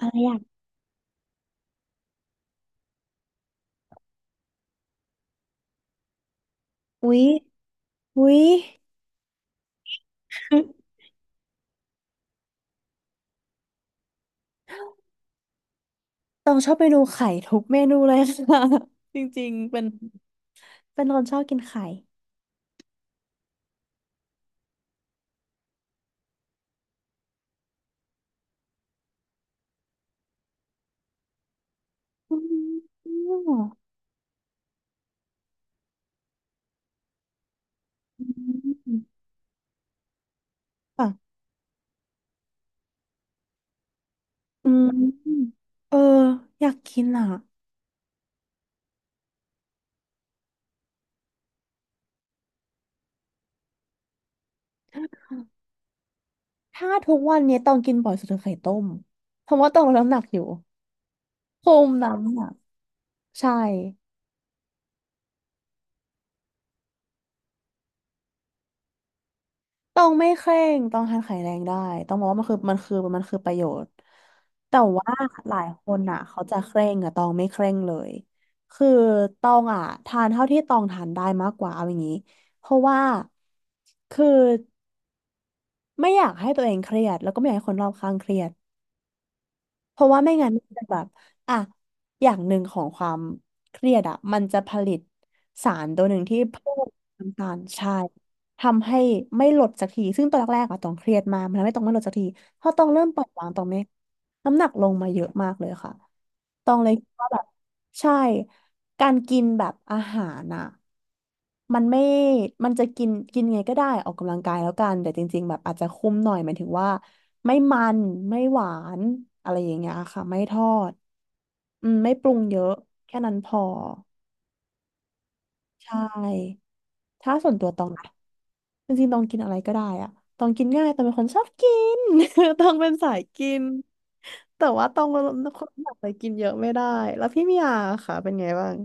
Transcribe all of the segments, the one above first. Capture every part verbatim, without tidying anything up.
อะไรอ่ะอุ๊ยอุ๊ย ต้องชอบเมนูไข่ทุกเมนูเลยค่ะ จริงๆเป็นเป็นคนชอบกินไข่อืมอืมอ่ะอืมเอออยากกินอ่ะถ้าทุกวันนี้ต้องกินบ่อยสุดคือไข่ต้มเพราะว่าต้องลดน้ำหนักอยู่คุมน้ำหนักใช่ ต้องไม่เคร่งต้องทานไข่แรงได้ต้องบอกว่ามันคือมันคือมันคือประโยชน์แต่ว่าหลายคนอ่ะเขาจะเคร่งอ่ะตองไม่เคร่งเลยคือตองอ่ะทานเท่าที่ตองทานได้มากกว่าเอาอย่างนี้เพราะว่าคือไม่อยากให้ตัวเองเครียดแล้วก็ไม่อยากให้คนรอบข้างเครียดเพราะว่าไม่งั้นมันจะแบบอ่ะอย่างหนึ่งของความเครียดอ่ะมันจะผลิตสารตัวหนึ่งที่เพิ่มน้ำตาลใช่ ทำให้ไม่หลดสักทีซึ่งตอนแรกๆอะต้องเครียดมากมันทำให้ต้องไม่หลดสักทีพอต้องเริ่มปล่อยวางต้องไม่น้ำหนักลงมาเยอะมากเลยค่ะต้องเลยคิดว่าแบบใช่การกินแบบอาหารอะมันไม่มันจะกินกินไงก็ได้ออกกำลังกายแล้วกันแต่จริงๆแบบอาจจะคุมหน่อยหมายถึงว่าไม่มันไม่หวานอะไรอย่างเงี้ยค่ะไม่ทอดอืมไม่ปรุงเยอะแค่นั้นพอใช่ ถ้าส่วนตัวตองนะจริงๆตองกินอะไรก็ได้อะตองกินง่ายตองเป็นคนชอบกิน ตองเป็นสายกินแต่ว่าตองเป็นคนอยากไปกินเยอะไม่ได้แล้วพี่มียาค่ะเป็นไงบ้าง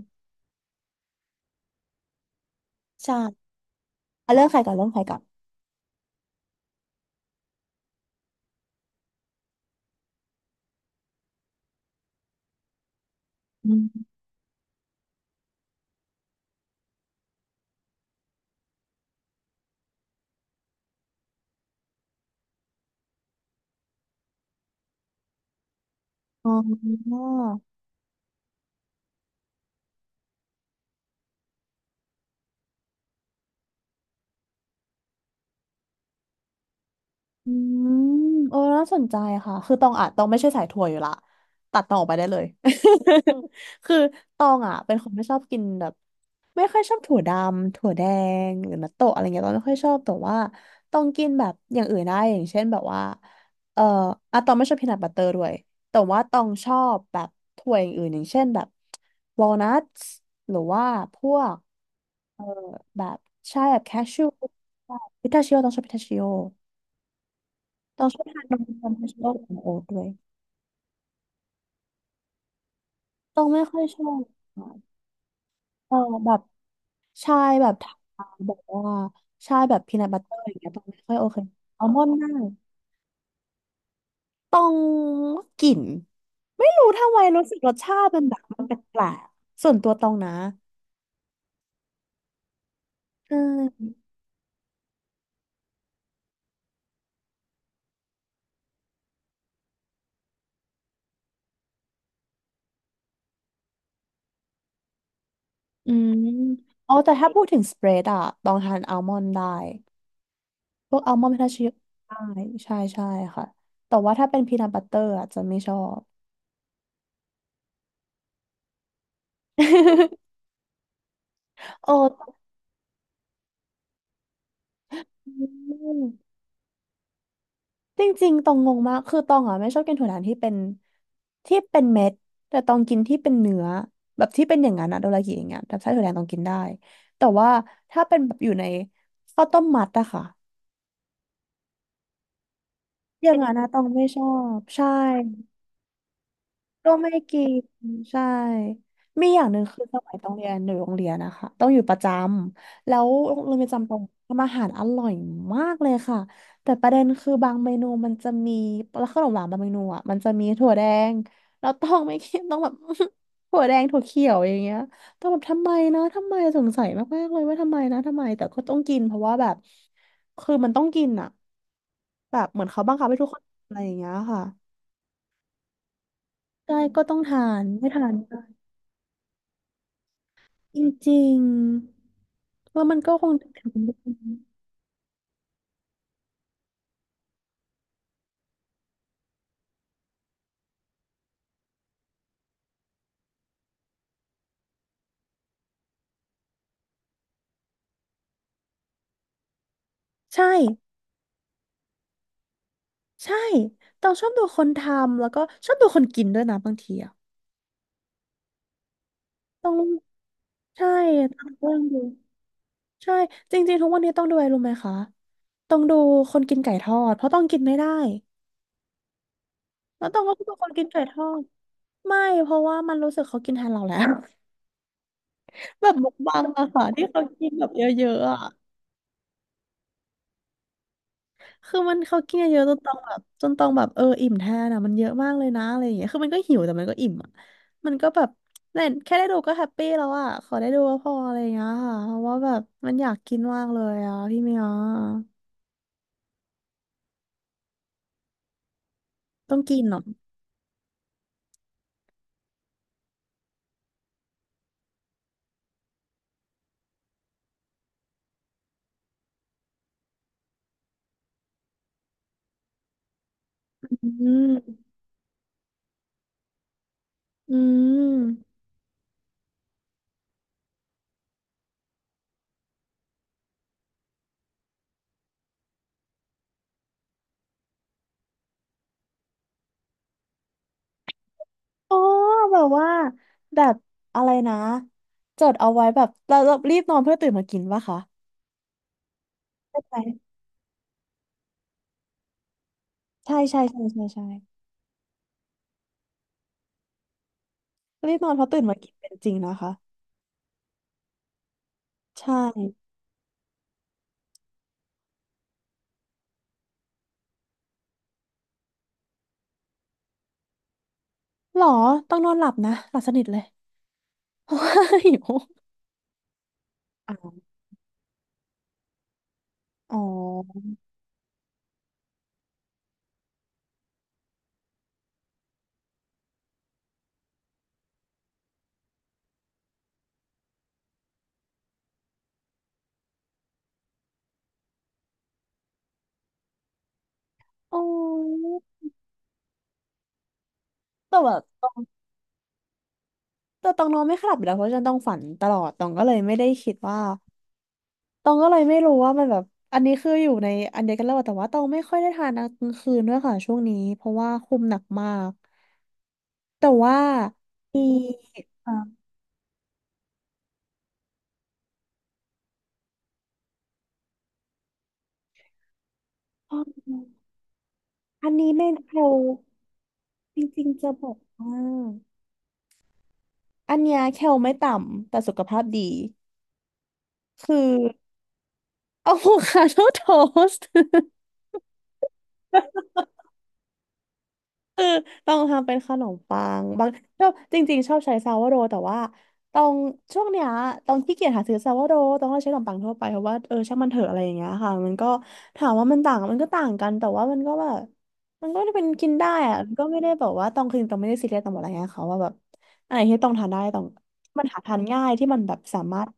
ใช่เอาเรื่องใครก่อนเรื่องใครก่อนอืมอ๋ออืมโอ้น่าสนใจค่ะคือตองอ่ะตองไม่ใช่สายถั่วอยู่ละตัดตองออกไปได้เลย คือตองอ่ะเป็นคนไม่ชอบกินแบบ ไม่ค่อยชอบถั่วดำถั่วแดงหรือนัตโตะอะไรเงี้ยตองไม่ค่อยชอบแต่ว่าต้องกินแบบอย่างอื่นได้อย่างเช่นแบบว่าเอ่ออะตองไม่ชอบพีนัทบัตเตอร์ด้วยแต่ว่าตองชอบแบบถั่วอย่างอื่นอย่างเช่นแบบวอลนัทหรือว่าพวกเอ่อแบบใช่แบบแคช e วพิทาชิโอต้องชอบพิทาชิโอต้องชอบทานนมนมพิทาชิโอของโอ๊ตด้วยต้องไม่ค่อยชอบอ่ะเออแบบ ใช่แบบทาบอกว่าใช่แบบพีนัทบัตเตอร์อย่างเงี้ยตองไม่ค่อยโอเคอัลมอนด์น่ากต้องกลิ่นไม่รู้ทำไมรู้สึกรสชาติมันแบบมันแปลกๆส่วนตัวตองนะใช่อืมอ๋อแต่ถ้าพูดถึงสเปรดอะตองทานอัลมอนด์ได้พวกอัลมอนด์พิทาชิโอได้ใช่ใช่ค่ะแต่ว่าถ้าเป็นพีนัทบัตเตอร์อะจะไม่ชอบ โอ้ จริงๆตองงงมากคือตองอ่ะไม่ชอบกินถั่วหวานที่เป็นที่เป็นเม็ดแต่ตองกินที่เป็นเนื้อแบบที่เป็นอย่างนั้นอะโดรากิอย่างเงี้ยแบบไส้ถั่วแดงตองกินได้แต่ว่าถ้าเป็นแบบอยู่ในข้าวต้มมัดอะค่ะอย่างนั้นนะตองไม่ชอบใช่ ก็ไม่กินใช่มีอย่างหนึ่งคือสมัยต้องเรียนอยู่โรงเรียนนะคะต้องอยู่ประจำแล้วโรงเรียนประจำต้องทำอาหารอร่อยมากเลยค่ะแต่ประเด็นคือบางเมนูมันจะมีแล้วขนมหวานบางเมนูอ่ะมันจะมีถั่วแดงแล้วต้องไม่กินต้องแบบ ถั่วแดงถั่วเขียวอย่างเงี้ยต้องแบบทำไมนะทำไมสงสัยมากๆเลยว่าทำไมนะทำไมแต่ก็ต้องกินเพราะว่าแบบคือมันต้องกินอ่ะแบบเหมือนเขาบังคับให้ทุกคนอะไรอย่างเงี้ยค่ะใช่ก็ต้องทานไม่ทาน จริงๆแล้วมันก็คงจะถึงใช่ใช่ต้องชอบดูคนทำแล้วก็ชอบดูคนกินด้วยนะบางทีอะต้องใช่ต้องดูใช่จริงๆทุกวันนี้ต้องดูอะไรรู้ไหมคะต้องดูคนกินไก่ทอดเพราะต้องกินไม่ได้แล้วต้องก็ดูคนกินไก่ทอดไม่เพราะว่ามันรู้สึกเขากินแทนเราแล้ว แบบมกบังอะค่ะที่เขากินแบบเยอะๆอะ คือมันเขากินเยอะๆจนต้องแบบจนต้องแบบเอออิ่มแทนอะมันเยอะมากเลยนะอะไรอย่างเงี้ยคือมันก็หิวแต่มันก็อิ่มอ่ะมันก็แบบเน่ยแค่ได้ดูก็แฮปปี้แล้วอ่ะขอได้ดูก็พออะไรอย่างเงี้ยค่ะเพราะว่าแบบมันอยากกินมากเลยอ่ะพี่เมียต้องกินเหรออืมอืมอ๋อแบบว่าแบบอะไรนะจดเอาไว้แบบเราเรารีบนอนเพื่อตื่นมากินป่ะคะใช่ไหมใช่ใช่ใช่ใช่ใช่รีบนอนเพราะตื่นมากินเป็นจริงนะคะใช่ หรอต้องนอนหลับนะหลับสนิทเลย เพราะว่าหิวอ๋ออ๋ออ๋อแต่แบบแต่ตองนอนไม่ค่อยหลับอยู่แล้วเพราะฉันต้องฝันตลอดตองก็เลยไม่ได้คิดว่าตองก็เลยไม่รู้ว่ามันแบบอันนี้คืออยู่ในอันเดียวกันแล้วอะแต่ว่าตองไม่ค่อยได้ทานกลางคืนด้วยค่ะช่วงนี้เพราะว่าคุมหนักมากแต่ว่ามีอ่าอ๋ออันนี้ไม่แคลจริงๆจะบอกว่าอันเนี้ยแคลไม่ต่ำแต่สุขภาพดีคือ อะโวคาโดโทสต์ คือต้องทำเป็นขนมปังบางชอบจริงๆชอบใช้ซาวโดแต่ว่าต้องช่วงเนี้ยต้องขี้เกียจหาซื้อซาวโดต้องใช้ขนมปังทั่วไปเพราะว่าเออช่างมันเถอะอะไรอย่างเงี้ยค่ะมันก็ถามว่ามันต่างมันก็ต่างกันแต่ว่ามันก็แบบมันก็เป็นกินได้อะมันก็ไม่ได้แบบว่าต้องคือต้องไม่ได้ซีเรียสต้องบอกอะไรเงี้ยเขาว่าแบบอะไรที่ต้องทานได้ต้องมันหาทานง่ายที่มันแบบสามารถ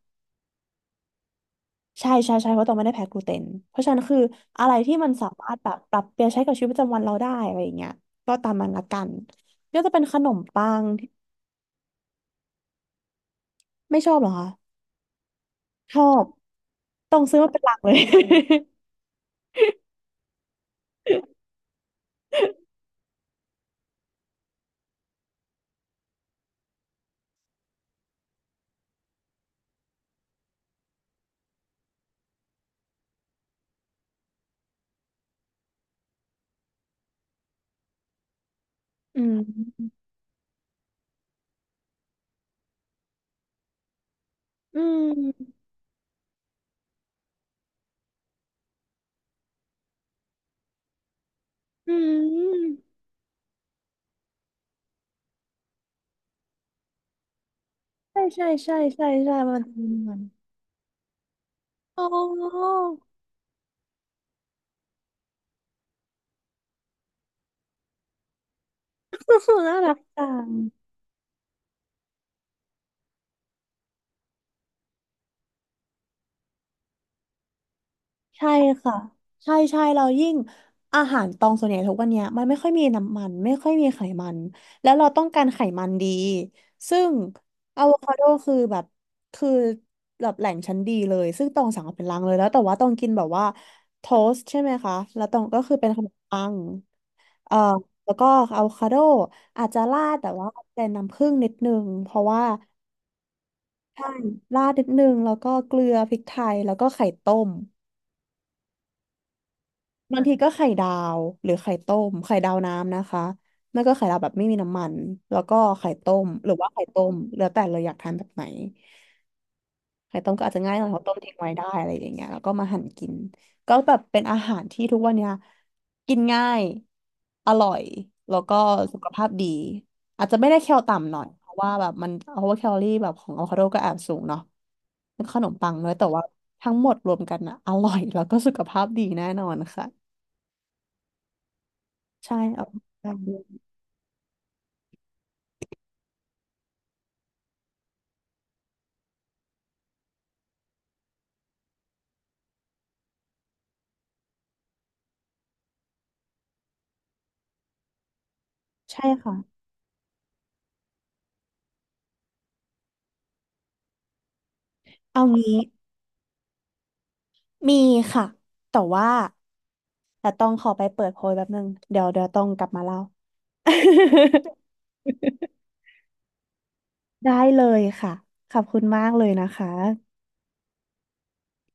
ใช่ใช่ใช่เพราะตองไม่ได้แพ้กลูเตนเพราะฉะนั้นคืออะไรที่มันสามารถแบบปรับเปลี่ยนใช้กับชีวิตประจำวันเราได้อะไรอย่างเงี้ยก็ตามมันละกันก็จะเป็นขนมปังที่ไม่ชอบเหรอคะชอบต้องซื้อมาเป็นหลักเลย อืมอืมอืมใช่ใช่ใช่ใช่ใช่มันจะมีมันอ๋อ น่ารักจัง ใช่ค่ะใช่ใช่เรายิ่งอาหารตองส่วนใหญ่ทุกวันเนี้ยมันไม่ค่อยมีน้ำมันไม่ค่อยมีไขมันแล้วเราต้องการไขมันดีซึ่งอะโวคาโดคือแบบคือแบบแหล่งชั้นดีเลยซึ่งตองสั่งมาเป็นลังเลยแล้วแต่ว่าตองกินแบบว่าโทสต์ใช่ไหมคะแล้วตองก็คือเป็นขนมปังเอ่อแล้วก็อะโวคาโดอาจจะราดแต่ว่าเป็นน้ำผึ้งนิดนึงเพราะว่าใช่ราดนิดนึงแล้วก็เกลือพริกไทยแล้วก็ไข่ต้ม บางทีก็ไข่ดาวหรือไข่ต้มไข่ดาวน้ำนะคะไม่ก็ไข่ดาวแบบไม่มีน้ำมันแล้วก็ไข่ต้มหรือว่าไข่ต้มแล้วแต่เราอยากทานแบบไหนไข่ต้มก็อาจจะง่ายหน่อยเพราะต้มทิ้งไว้ได้อะไรอย่างเงี้ยแล้วก็มาหั่นกินก็แบบเป็นอาหารที่ทุกวันเนี้ยกินง่ายอร่อยแล้วก็สุขภาพดีอาจจะไม่ได้แคลต่ำหน่อยเพราะว่าแบบมันเพราะว่าแคลอรี่แบบของอะโวคาโดก็แอบสูงเนาะเป็นขนมปังด้วยแต่ว่าทั้งหมดรวมกันอะอร่อยแล้วก็สุขภาพดีแน่นอนค่ะ ใช่ออกกำลังกายด้วยใช่ค่ะ เอางี้มีค่ะ แต่ว่าแต่ต้องขอไปเปิดโพยแป๊บนึงเดี๋ยวเดี๋ยวต้องกลับมาเล่า ได้เลยค่ะขอบคุณมากเลยนะคะ